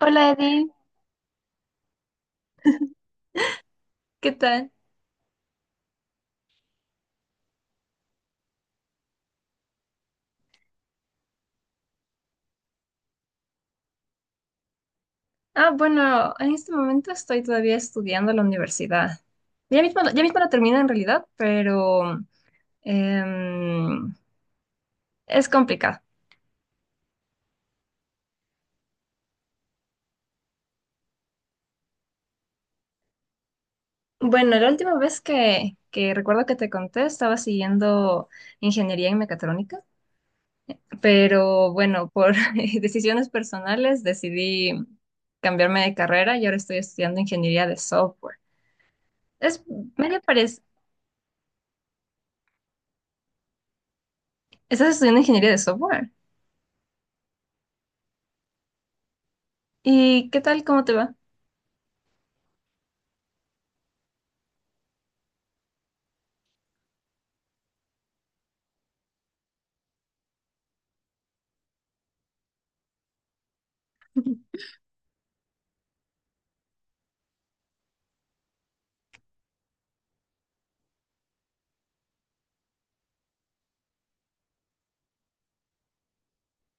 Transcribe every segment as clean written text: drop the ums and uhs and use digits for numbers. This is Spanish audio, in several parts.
Hola Eddie, ¿qué tal? Ah, bueno, en este momento estoy todavía estudiando en la universidad. Ya mismo la termino en realidad, pero em, es complicado. Bueno, la última vez que recuerdo que te conté estaba siguiendo ingeniería en mecatrónica, pero bueno, por decisiones personales decidí cambiarme de carrera y ahora estoy estudiando ingeniería de software. Es medio parece, ¿estás estudiando ingeniería de software? ¿Y qué tal? ¿Cómo te va?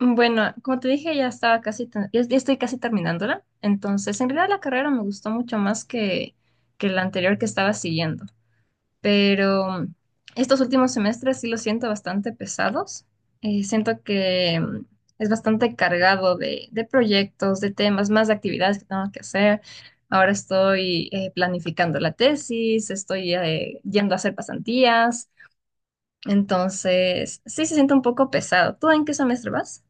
Bueno, como te dije, ya estaba ya estoy casi terminándola. Entonces, en realidad la carrera me gustó mucho más que la anterior que estaba siguiendo. Pero estos últimos semestres sí los siento bastante pesados. Siento que es bastante cargado de proyectos, de temas, más de actividades que tengo que hacer. Ahora estoy planificando la tesis, estoy yendo a hacer pasantías. Entonces, sí se siente un poco pesado. ¿Tú en qué semestre vas?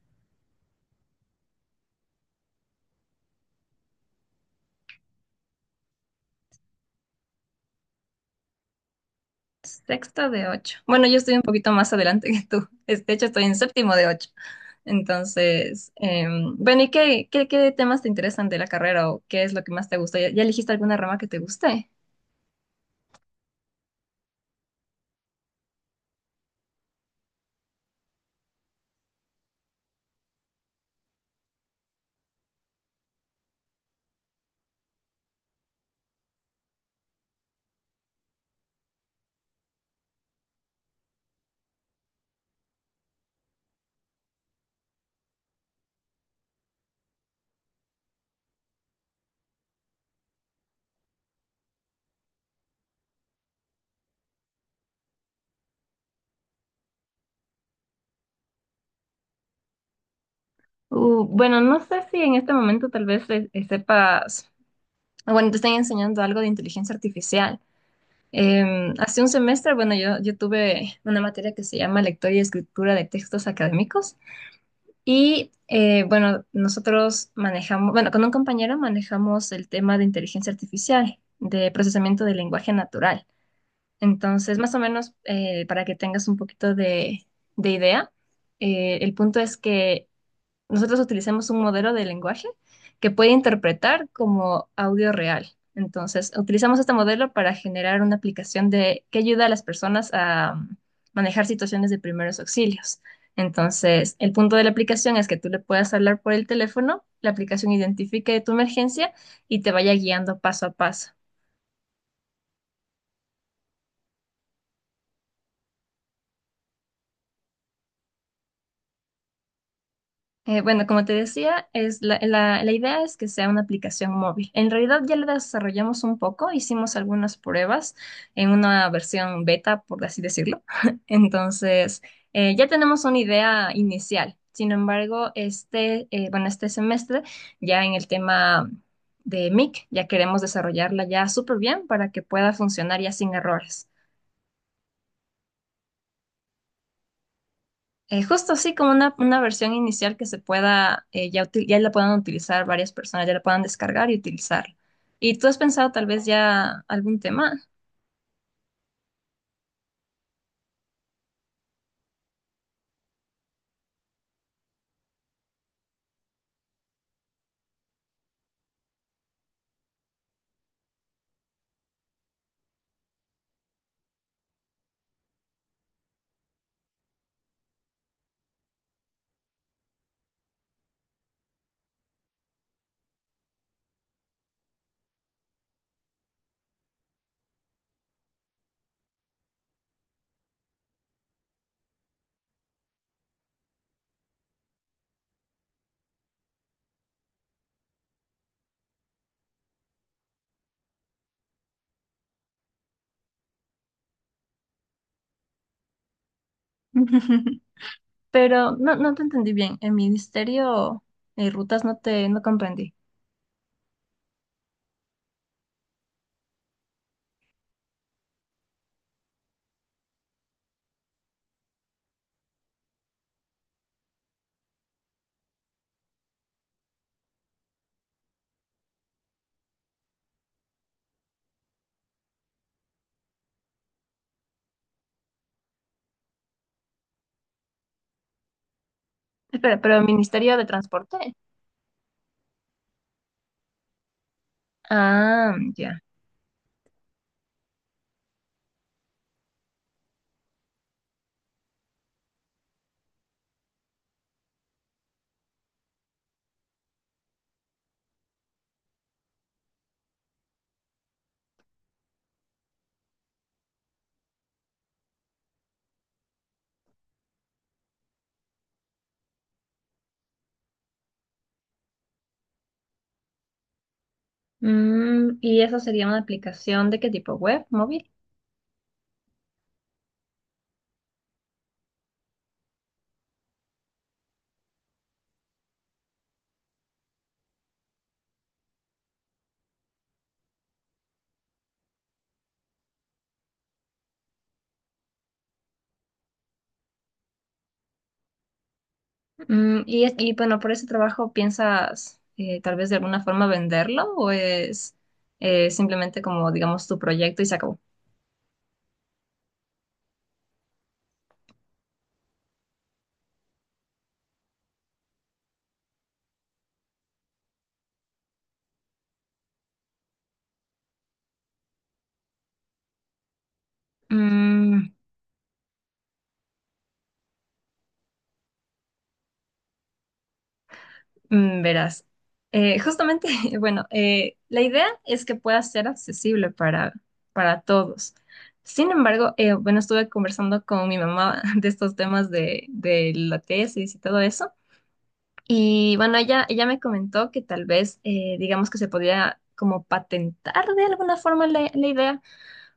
Sexto de ocho. Bueno, yo estoy un poquito más adelante que tú. De hecho, estoy en séptimo de ocho. Entonces, bueno, ¿y qué temas te interesan de la carrera o qué es lo que más te gusta? ¿Ya elegiste alguna rama que te guste? Bueno, no sé si en este momento tal vez sepas, bueno, te están enseñando algo de inteligencia artificial. Hace un semestre, bueno, yo tuve una materia que se llama lectura y escritura de textos académicos. Y bueno, nosotros manejamos, bueno, con un compañero manejamos el tema de inteligencia artificial, de procesamiento del lenguaje natural. Entonces, más o menos, para que tengas un poquito de idea, el punto es que nosotros utilizamos un modelo de lenguaje que puede interpretar como audio real. Entonces, utilizamos este modelo para generar una aplicación de, que ayuda a las personas a manejar situaciones de primeros auxilios. Entonces, el punto de la aplicación es que tú le puedas hablar por el teléfono, la aplicación identifique tu emergencia y te vaya guiando paso a paso. Bueno, como te decía, es la idea es que sea una aplicación móvil. En realidad ya la desarrollamos un poco, hicimos algunas pruebas en una versión beta, por así decirlo. Entonces, ya tenemos una idea inicial. Sin embargo, este, bueno, este semestre, ya en el tema de MIC, ya queremos desarrollarla ya súper bien para que pueda funcionar ya sin errores. Justo así como una versión inicial que se pueda, ya la puedan utilizar varias personas, ya la puedan descargar y utilizar. ¿Y tú has pensado tal vez ya algún tema? Pero no, no te entendí bien. El ministerio de rutas no comprendí. Espera, pero el ministerio de transporte. Ah, ya. Mm, ¿y eso sería una aplicación de qué tipo? ¿Web? ¿Móvil? Mm, y, y bueno, por ese trabajo piensas tal vez de alguna forma venderlo o es simplemente como, digamos, tu proyecto y se acabó. Mm, verás, eh, justamente, bueno, la idea es que pueda ser accesible para todos. Sin embargo, bueno, estuve conversando con mi mamá de estos temas de la tesis y todo eso. Y bueno, ella me comentó que tal vez, digamos que se podía como patentar de alguna forma la idea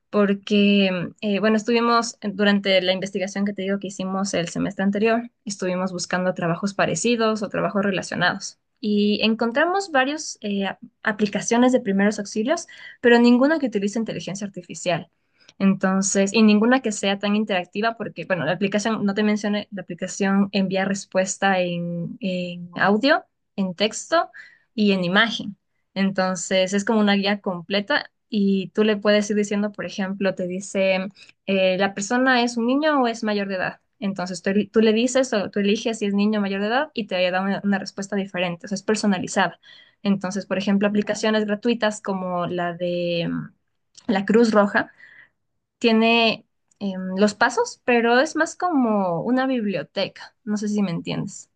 porque, bueno, estuvimos durante la investigación que te digo que hicimos el semestre anterior, estuvimos buscando trabajos parecidos o trabajos relacionados y encontramos varias aplicaciones de primeros auxilios, pero ninguna que utilice inteligencia artificial. Entonces, y ninguna que sea tan interactiva, porque, bueno, la aplicación, no te mencioné, la aplicación envía respuesta en audio, en texto y en imagen. Entonces es como una guía completa y tú le puedes ir diciendo, por ejemplo, te dice, ¿la persona es un niño o es mayor de edad? Entonces tú le dices o tú eliges si es niño o mayor de edad y te da una respuesta diferente, o sea, es personalizada. Entonces, por ejemplo, aplicaciones gratuitas como la de mm, la Cruz Roja tiene los pasos, pero es más como una biblioteca, no sé si me entiendes.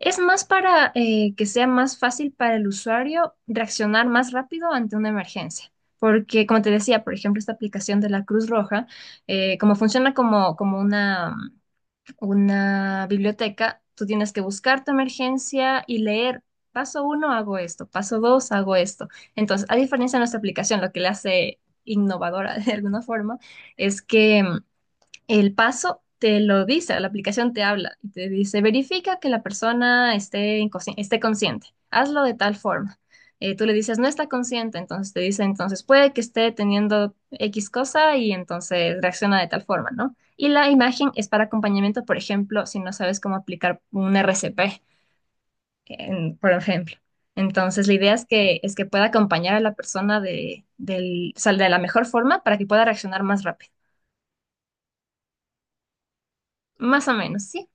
Es más para que sea más fácil para el usuario reaccionar más rápido ante una emergencia. Porque, como te decía, por ejemplo, esta aplicación de la Cruz Roja, como funciona como, como una biblioteca, tú tienes que buscar tu emergencia y leer, paso uno hago esto, paso dos hago esto. Entonces, a diferencia de nuestra aplicación, lo que le hace innovadora de alguna forma es que el paso te lo dice, la aplicación te habla y te dice, verifica que la persona esté, esté consciente, hazlo de tal forma. Tú le dices, no está consciente, entonces te dice, entonces puede que esté teniendo X cosa y entonces reacciona de tal forma, ¿no? Y la imagen es para acompañamiento, por ejemplo, si no sabes cómo aplicar un RCP, por ejemplo. Entonces, la idea es es que pueda acompañar a la persona o sea, de la mejor forma para que pueda reaccionar más rápido. Más o menos, sí.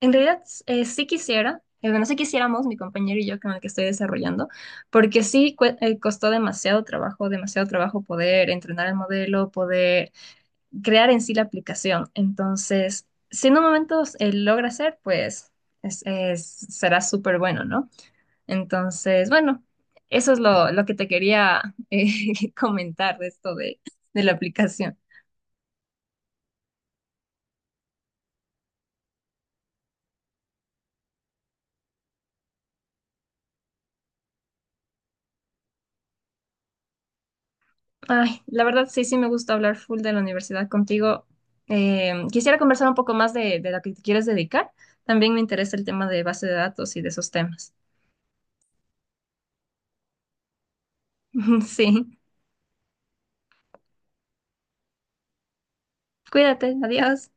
En realidad, sí quisiera, bueno, sí quisiéramos, mi compañero y yo con el que estoy desarrollando, porque sí costó demasiado trabajo poder entrenar el modelo, poder crear en sí la aplicación. Entonces, si en un momento logra hacer, pues será súper bueno, ¿no? Entonces, bueno, eso es lo que te quería comentar de esto de la aplicación. Ay, la verdad sí, sí me gusta hablar full de la universidad contigo. Quisiera conversar un poco más de lo que te quieres dedicar. También me interesa el tema de base de datos y de esos temas. Sí, cuídate, adiós.